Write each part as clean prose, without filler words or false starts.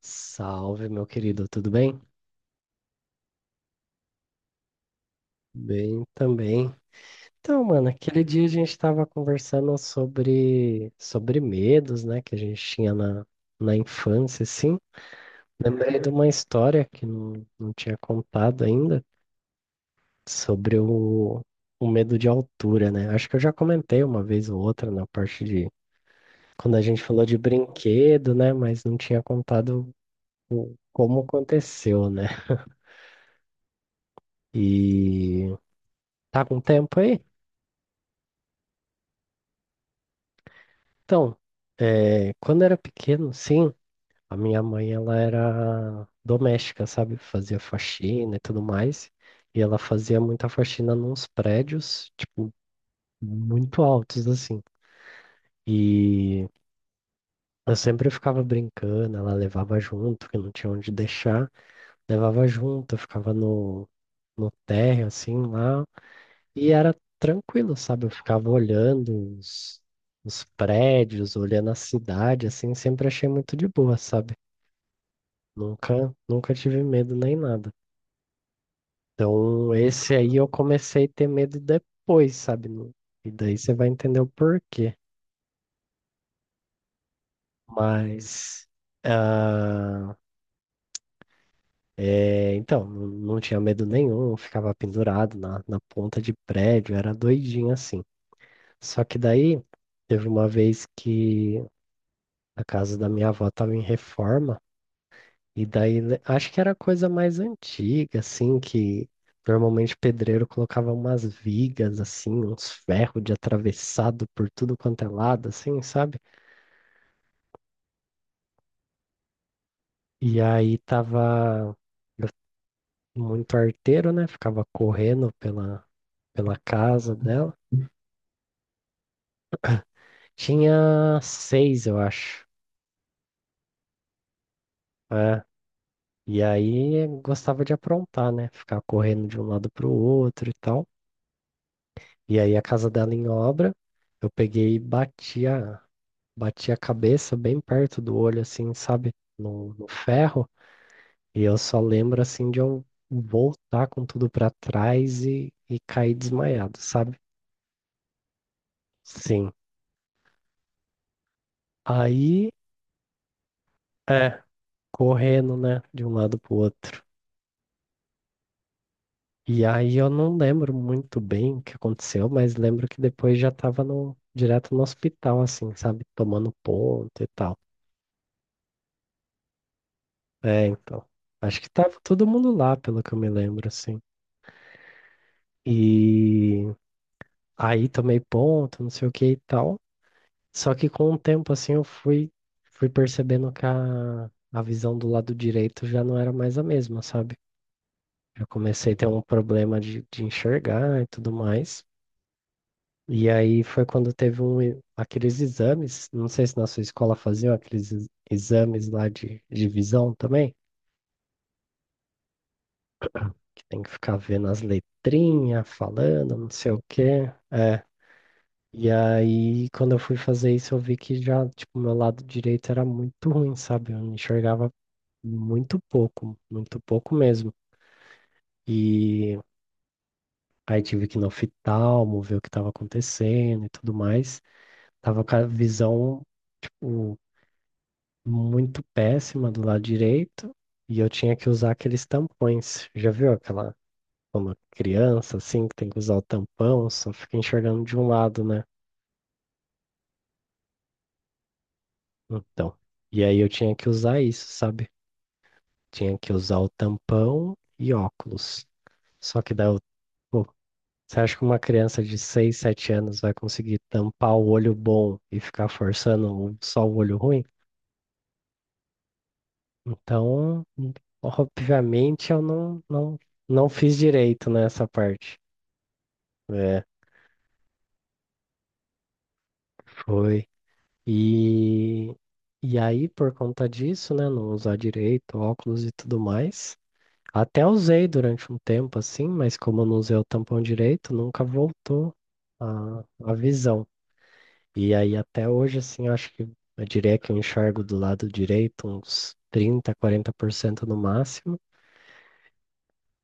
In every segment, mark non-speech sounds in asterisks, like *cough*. Salve, meu querido, tudo bem? Bem também. Então, mano, aquele dia a gente tava conversando sobre medos, né, que a gente tinha na infância, assim. Lembrei de uma história que não tinha contado ainda sobre o medo de altura, né? Acho que eu já comentei uma vez ou outra na parte de quando a gente falou de brinquedo, né, mas não tinha contado como aconteceu, né? E tá com tempo aí? Então, quando era pequeno, sim, a minha mãe ela era doméstica, sabe? Fazia faxina e tudo mais. E ela fazia muita faxina nos prédios, tipo, muito altos, assim. E eu sempre ficava brincando, ela levava junto, que não tinha onde deixar, levava junto, eu ficava no térreo, assim, lá. E era tranquilo, sabe? Eu ficava olhando os prédios, olhando a cidade, assim, sempre achei muito de boa, sabe? Nunca, nunca tive medo nem nada. Então, esse aí eu comecei a ter medo depois, sabe? E daí você vai entender o porquê. Mas, ah, então, não tinha medo nenhum, eu ficava pendurado na ponta de prédio, era doidinho assim. Só que daí, teve uma vez que a casa da minha avó estava em reforma, e daí acho que era coisa mais antiga, assim, que normalmente o pedreiro colocava umas vigas, assim, uns ferros de atravessado por tudo quanto é lado, assim, sabe? E aí tava eu- muito arteiro, né? Ficava correndo pela casa dela. Tinha 6, eu acho. É. E aí gostava de aprontar, né? Ficar correndo de um lado pro outro e tal. E aí a casa dela em obra, eu peguei e bati a cabeça bem perto do olho, assim, sabe? No ferro. E eu só lembro, assim, de eu voltar com tudo pra trás e cair desmaiado, sabe? Sim. Aí, é, correndo, né, de um lado pro outro. E aí eu não lembro muito bem o que aconteceu, mas lembro que depois já tava no, direto no hospital, assim, sabe? Tomando ponto e tal. É, então. Acho que tava todo mundo lá, pelo que eu me lembro, assim. E aí tomei ponto, não sei o que e tal. Só que com o tempo, assim, fui percebendo que a visão do lado direito já não era mais a mesma, sabe? Eu comecei a ter um problema de enxergar e tudo mais. E aí foi quando teve um, aqueles exames, não sei se na sua escola faziam aqueles exames lá de visão também. Tem que ficar vendo as letrinhas, falando, não sei o quê. É. E aí, quando eu fui fazer isso, eu vi que já, tipo, meu lado direito era muito ruim, sabe? Eu enxergava muito pouco mesmo. E aí tive que ir no oftalmo, ver o que estava acontecendo e tudo mais. Tava com a visão, tipo, muito péssima do lado direito. E eu tinha que usar aqueles tampões. Já viu aquela, quando criança, assim, que tem que usar o tampão, só fica enxergando de um lado, né? Então, e aí eu tinha que usar isso, sabe? Tinha que usar o tampão e óculos. Só que daí eu, pô, você acha que uma criança de 6 7 anos vai conseguir tampar o olho bom e ficar forçando só o olho ruim? Então, obviamente eu não, não fiz direito nessa parte. É, foi. E, e aí, por conta disso, né, não usar direito, óculos e tudo mais, até usei durante um tempo assim, mas como eu não usei o tampão direito, nunca voltou a visão. E aí, até hoje, assim, eu acho que eu diria que eu enxergo do lado direito uns 30 40% no máximo,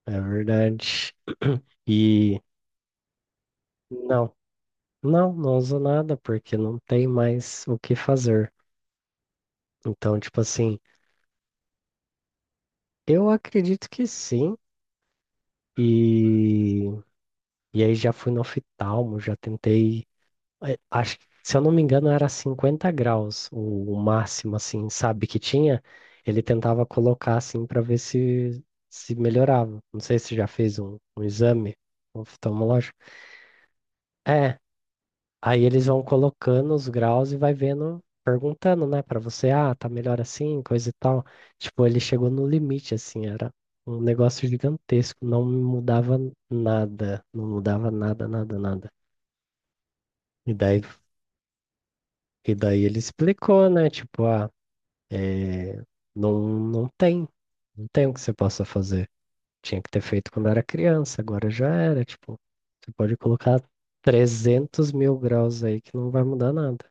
é verdade. E não, não uso nada porque não tem mais o que fazer. Então, tipo assim. Eu acredito que sim. E, e aí já fui no oftalmo, já tentei. Acho que, se eu não me engano, era 50 graus o máximo, assim, sabe, que tinha. Ele tentava colocar assim para ver se se melhorava. Não sei se já fez um exame oftalmológico. É, aí eles vão colocando os graus e vai vendo, perguntando, né, pra você, ah, tá melhor assim, coisa e tal. Tipo, ele chegou no limite, assim, era um negócio gigantesco, não mudava nada, não mudava nada, nada, nada. E daí, e daí ele explicou, né, tipo, ah, é, não tem, não tem o que você possa fazer. Tinha que ter feito quando era criança, agora já era, tipo, você pode colocar 300 mil graus aí que não vai mudar nada.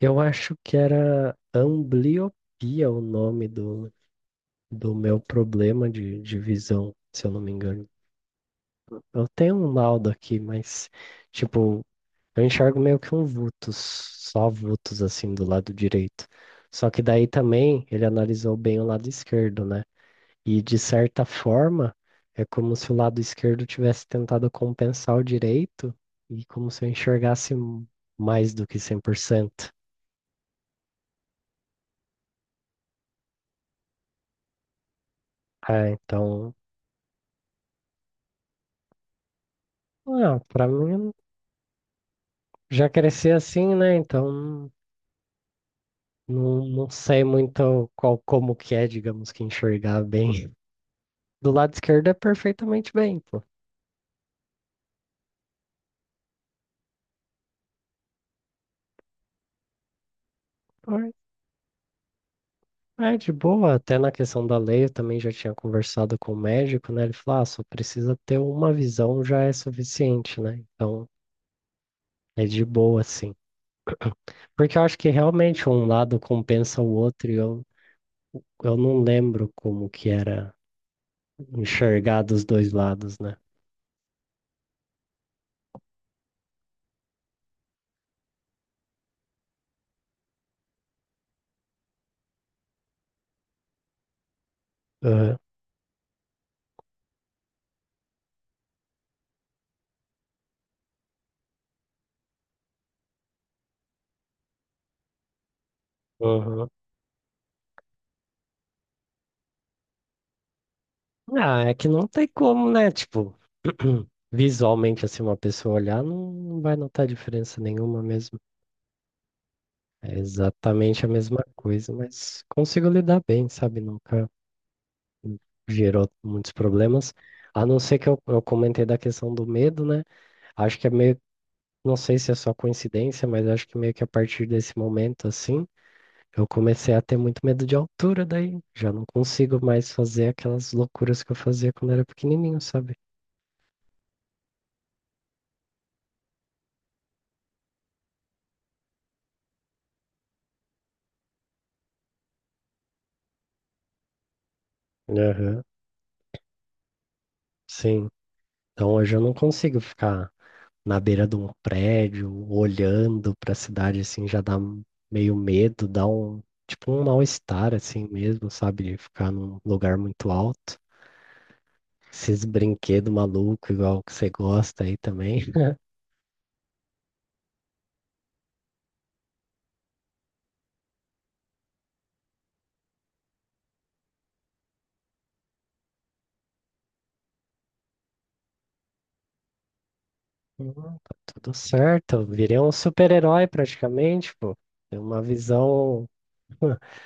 Eu acho que era ambliopia o nome do meu problema de visão, se eu não me engano. Eu tenho um laudo aqui, mas, tipo, eu enxergo meio que um vultus, só vultus assim do lado direito. Só que daí também ele analisou bem o lado esquerdo, né? E de certa forma, é como se o lado esquerdo tivesse tentado compensar o direito e como se eu enxergasse mais do que 100%. Ah, então. Ah, pra mim já cresci assim, né? Então não sei muito qual como que é, digamos que enxergar bem. Do lado esquerdo é perfeitamente bem, pô. Então, é é de boa, até na questão da lei eu também já tinha conversado com o médico, né? Ele falou, ah, só precisa ter uma visão já é suficiente, né? Então é de boa, assim. Porque eu acho que realmente um lado compensa o outro e eu não lembro como que era enxergar dos dois lados, né? Aham. Aham. Ah, é que não tem como, né? Tipo, *clears throat* visualmente, assim, uma pessoa olhar não vai notar diferença nenhuma mesmo. É exatamente a mesma coisa, mas consigo lidar bem, sabe? Nunca gerou muitos problemas. A não ser que eu comentei da questão do medo, né? Acho que é meio, não sei se é só coincidência, mas acho que meio que a partir desse momento, assim, eu comecei a ter muito medo de altura, daí já não consigo mais fazer aquelas loucuras que eu fazia quando era pequenininho, sabe? Aham, sim. Então hoje eu não consigo ficar na beira de um prédio, olhando para a cidade assim, meio medo, dá um tipo um mal-estar assim mesmo, sabe? Ficar num lugar muito alto. Esses brinquedos malucos, igual que você gosta aí também. *laughs* Não, tá tudo certo. Eu virei um super-herói praticamente, pô. Tem uma visão *laughs*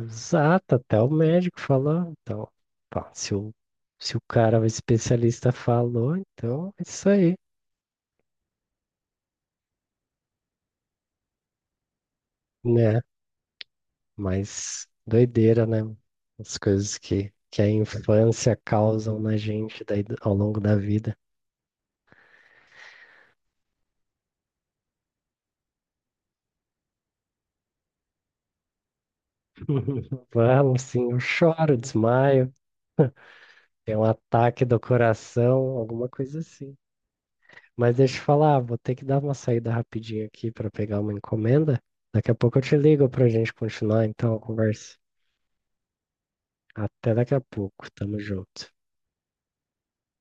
exata, até o médico falou. Então, pá, se o cara, o especialista falou, então é isso aí. Né? Mas doideira, né? As coisas que a infância causam na gente daí ao longo da vida. *laughs* Vamos, sim, eu choro, desmaio, tem um ataque do coração, alguma coisa assim. Mas deixa eu falar, vou ter que dar uma saída rapidinho aqui para pegar uma encomenda. Daqui a pouco eu te ligo para a gente continuar então a conversa. Até daqui a pouco, tamo junto.